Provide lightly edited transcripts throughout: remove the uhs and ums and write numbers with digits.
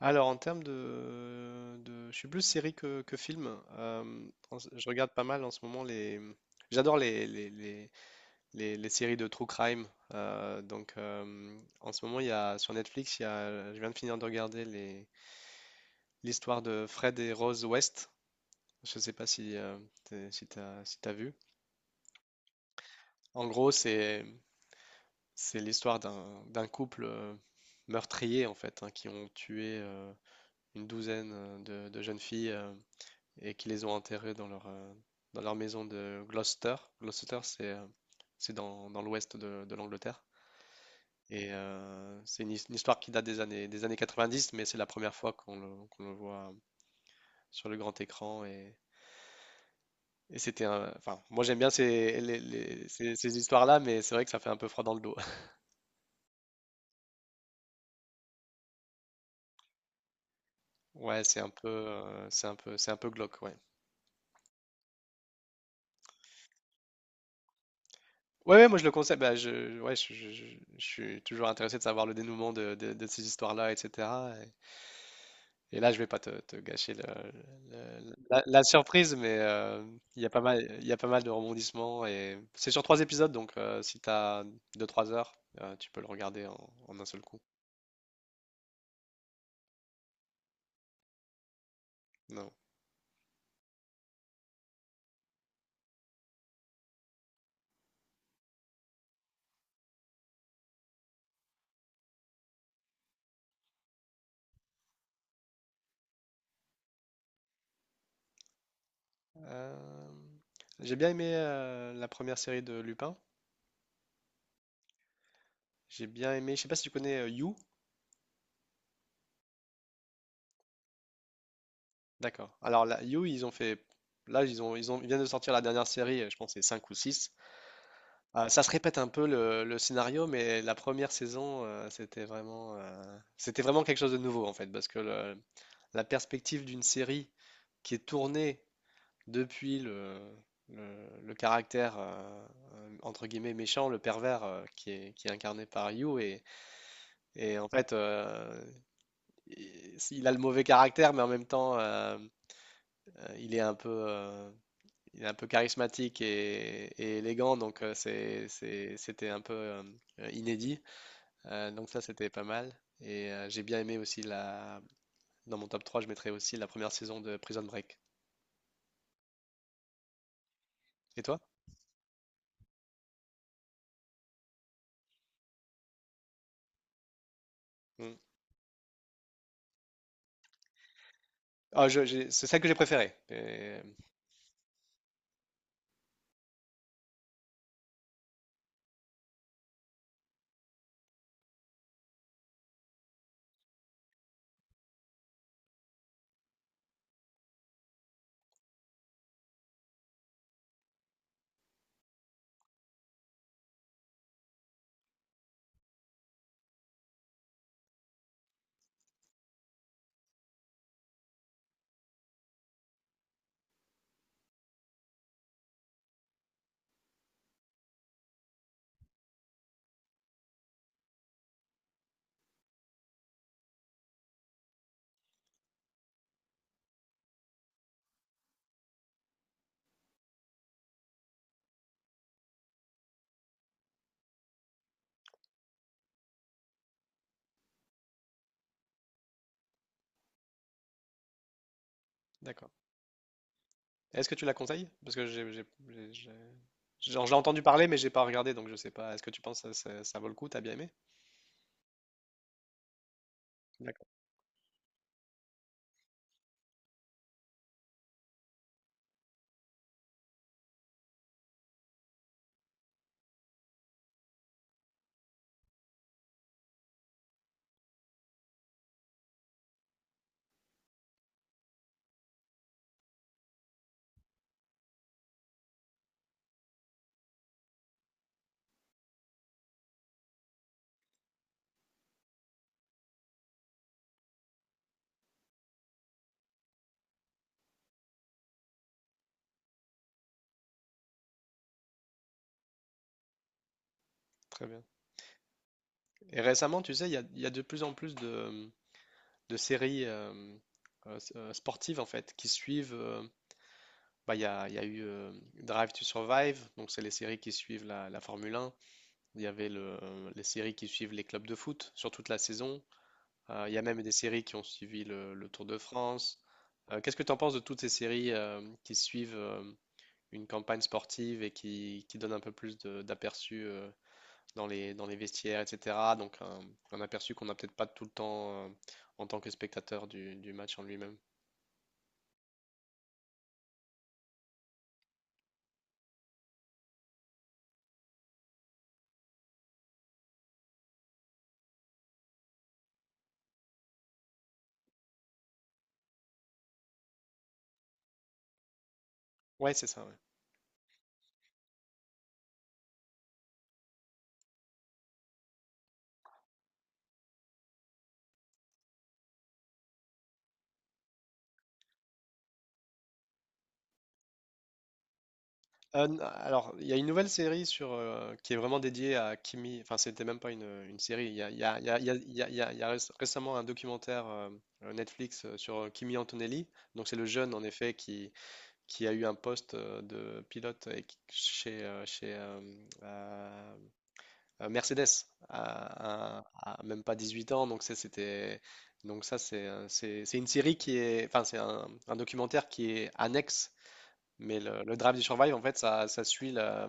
Alors, en termes je suis plus série que film. Euh, je regarde pas mal en ce moment les. J'adore les séries de true crime. Donc, en ce moment, sur Netflix, je viens de finir de regarder l'histoire de Fred et Rose West. Je sais pas si, si t'as vu. En gros, c'est l'histoire d'un couple meurtrier, en fait, hein, qui ont tué une douzaine de, jeunes filles, et qui les ont enterrés dans leur maison de Gloucester. Gloucester, c'est dans l'ouest de l'Angleterre. Et une histoire qui date des années 90, mais c'est la première fois qu'on le voit sur le grand écran. Enfin, moi j'aime bien ces, les- ces, ces histoires-là, mais c'est vrai que ça fait un peu froid dans le dos. Ouais, c'est un peu, c'est un peu, c'est un peu glauque, ouais. Ouais, ouais, moi je le conseille. Bah, ouais, je suis toujours intéressé de savoir le dénouement de ces histoires-là, etc. Et là, je vais pas te gâcher la surprise, mais il y a pas mal, il y a pas mal de rebondissements et c'est sur trois épisodes, donc si tu as 2-3 heures, tu peux le regarder en un seul coup. Non. Euh, j'ai bien aimé la première série de Lupin. J'ai bien aimé. Je sais pas si tu connais You. D'accord. Alors là, You, ils ont fait. Là, ils viennent de sortir la dernière série. Je pense que c'est 5 ou six. Ah, ça se répète un peu le scénario, mais la première saison, c'était vraiment quelque chose de nouveau en fait, parce que la perspective d'une série qui est tournée depuis le caractère entre guillemets méchant, le pervers qui est incarné par Yu, et en fait, il a le mauvais caractère, mais en même temps, il est un peu, il est un peu charismatique et élégant, donc c'était un peu inédit. Donc ça, c'était pas mal. Et j'ai bien aimé aussi la. Dans mon top 3 je mettrais aussi la première saison de Prison Break. Et toi? Mm. Ah, c'est celle que j'ai préférée. D'accord. Est-ce que tu la conseilles? Parce que j'en entendu parler, mais j'ai pas regardé, donc je sais pas. Est-ce que tu penses que ça vaut le coup? T'as bien aimé? D'accord, très bien. Et récemment, tu sais, il y a de plus en plus de séries sportives en fait qui suivent. Bah, il y a eu Drive to Survive, donc c'est les séries qui suivent la Formule 1. Il y avait les séries qui suivent les clubs de foot sur toute la saison. Il y a même des séries qui ont suivi le Tour de France. Qu'est-ce que tu en penses de toutes ces séries qui suivent une campagne sportive et qui donnent un peu plus d'aperçu dans les vestiaires, etc. Donc un aperçu qu'on n'a peut-être pas tout le temps en tant que spectateur du match en lui-même. Ouais, c'est ça. Ouais. Alors, il y a une nouvelle série qui est vraiment dédiée à Kimi. Enfin, c'était même pas une série. Il y a, il y a- il y a- il y a- il y a- réc- récemment un documentaire Netflix sur Kimi Antonelli. Donc, c'est le jeune, en effet, qui a eu un poste de pilote et chez euh, Mercedes à même pas 18 ans. Donc, ça, c'était. Donc ça, c'est une série qui est, enfin, c'est un documentaire qui est annexe. Mais le Drive to Survive, en fait, ça suit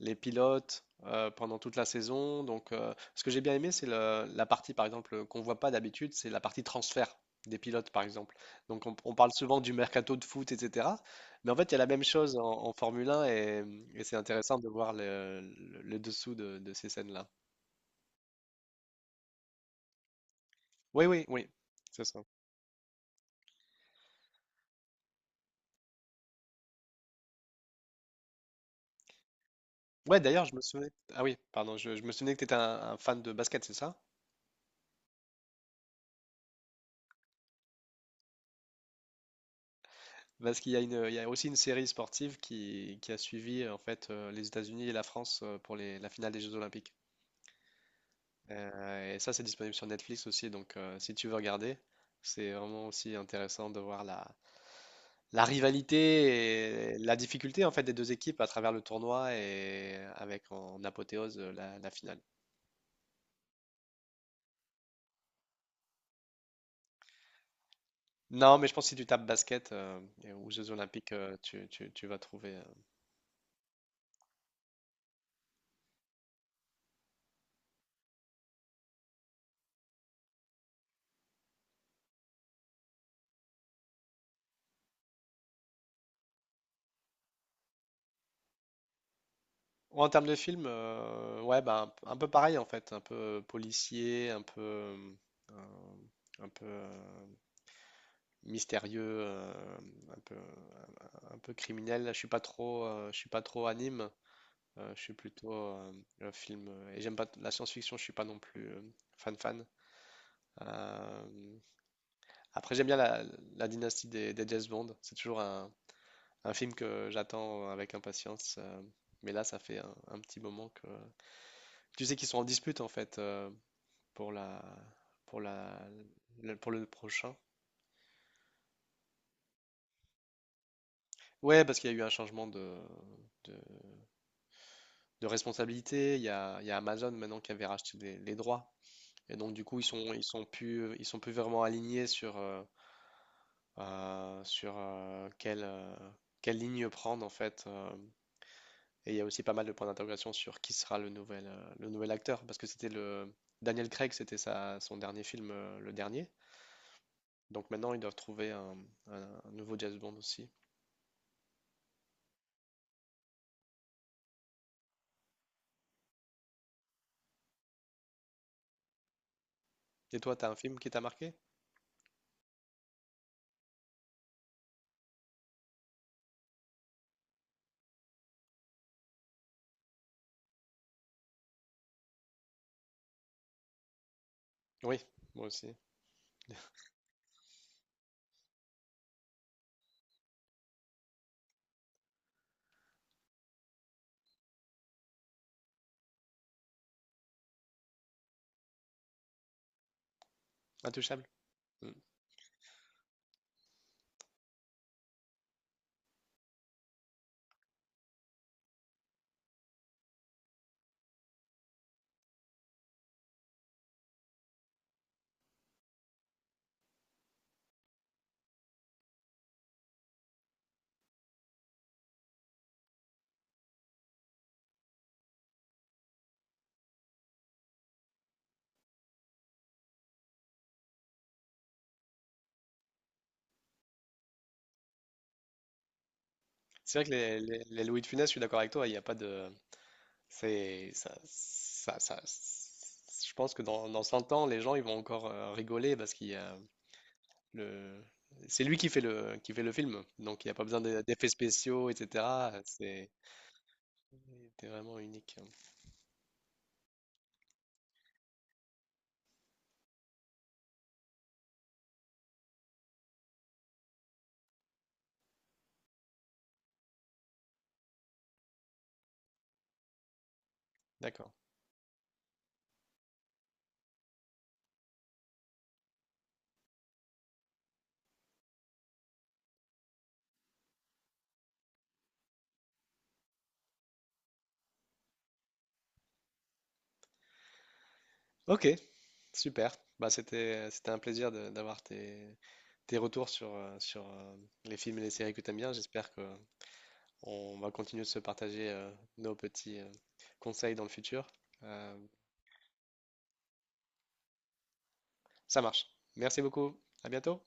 les pilotes pendant toute la saison. Donc, ce que j'ai bien aimé, c'est la partie, par exemple, qu'on voit pas d'habitude, c'est la partie transfert des pilotes, par exemple. Donc, on parle souvent du mercato de foot, etc. Mais en fait, il y a la même chose en Formule 1 et c'est intéressant de voir le dessous de ces scènes-là. Oui, oui, oui, c'est ça. Ouais, d'ailleurs, je me souvenais. Ah oui, pardon, je me souvenais que tu étais un fan de basket, c'est ça? Parce qu'il y a il y a aussi une série sportive qui a suivi en fait les États-Unis et la France pour la finale des Jeux Olympiques. Et ça, c'est disponible sur Netflix aussi. Donc, si tu veux regarder, c'est vraiment aussi intéressant de voir la rivalité et la difficulté en fait des deux équipes à travers le tournoi et avec en apothéose la finale. Non, mais je pense que si tu tapes basket ou Jeux Olympiques, tu vas trouver. Ouais, en termes de film, ouais, bah, un peu pareil en fait, un peu policier, euh, un peu mystérieux, un peu, un peu criminel. Je suis pas trop, je suis pas trop anime. Je suis plutôt film. Et j'aime pas la science-fiction. Je suis pas non plus fan fan. Euh, Après, j'aime bien la dynastie des James Bond. C'est toujours un film que j'attends avec impatience. Mais là, ça fait un petit moment que tu sais qu'ils sont en dispute en fait. Pour la pour pour le prochain. Ouais, parce qu'il y a eu un changement de, de responsabilité. Il y a Amazon maintenant qui avait racheté les droits. Et donc du coup, ils sont plus vraiment alignés sur quelle ligne prendre en fait. Et il y a aussi pas mal de points d'interrogation sur qui sera le nouvel acteur parce que c'était le Daniel Craig, c'était sa son dernier film, le dernier. Donc maintenant, ils doivent trouver un nouveau James Bond aussi. Et toi, t'as un film qui t'a marqué? Oui, moi aussi. Intouchable. Mm. C'est vrai que les Louis de Funès, je suis d'accord avec toi, il n'y a pas de. C'est. Ça- Je pense que dans 100 ans, les gens ils vont encore rigoler parce qu'il y a le. C'est lui qui fait le film, donc il n'y a pas besoin d'effets spéciaux, etc. C'est c'était vraiment unique. D'accord. Ok, super. Bah, c'était un plaisir d'avoir tes retours sur les films et les séries que tu aimes bien. J'espère que on va continuer de se partager nos petits conseils dans le futur. Euh, Ça marche. Merci beaucoup. À bientôt.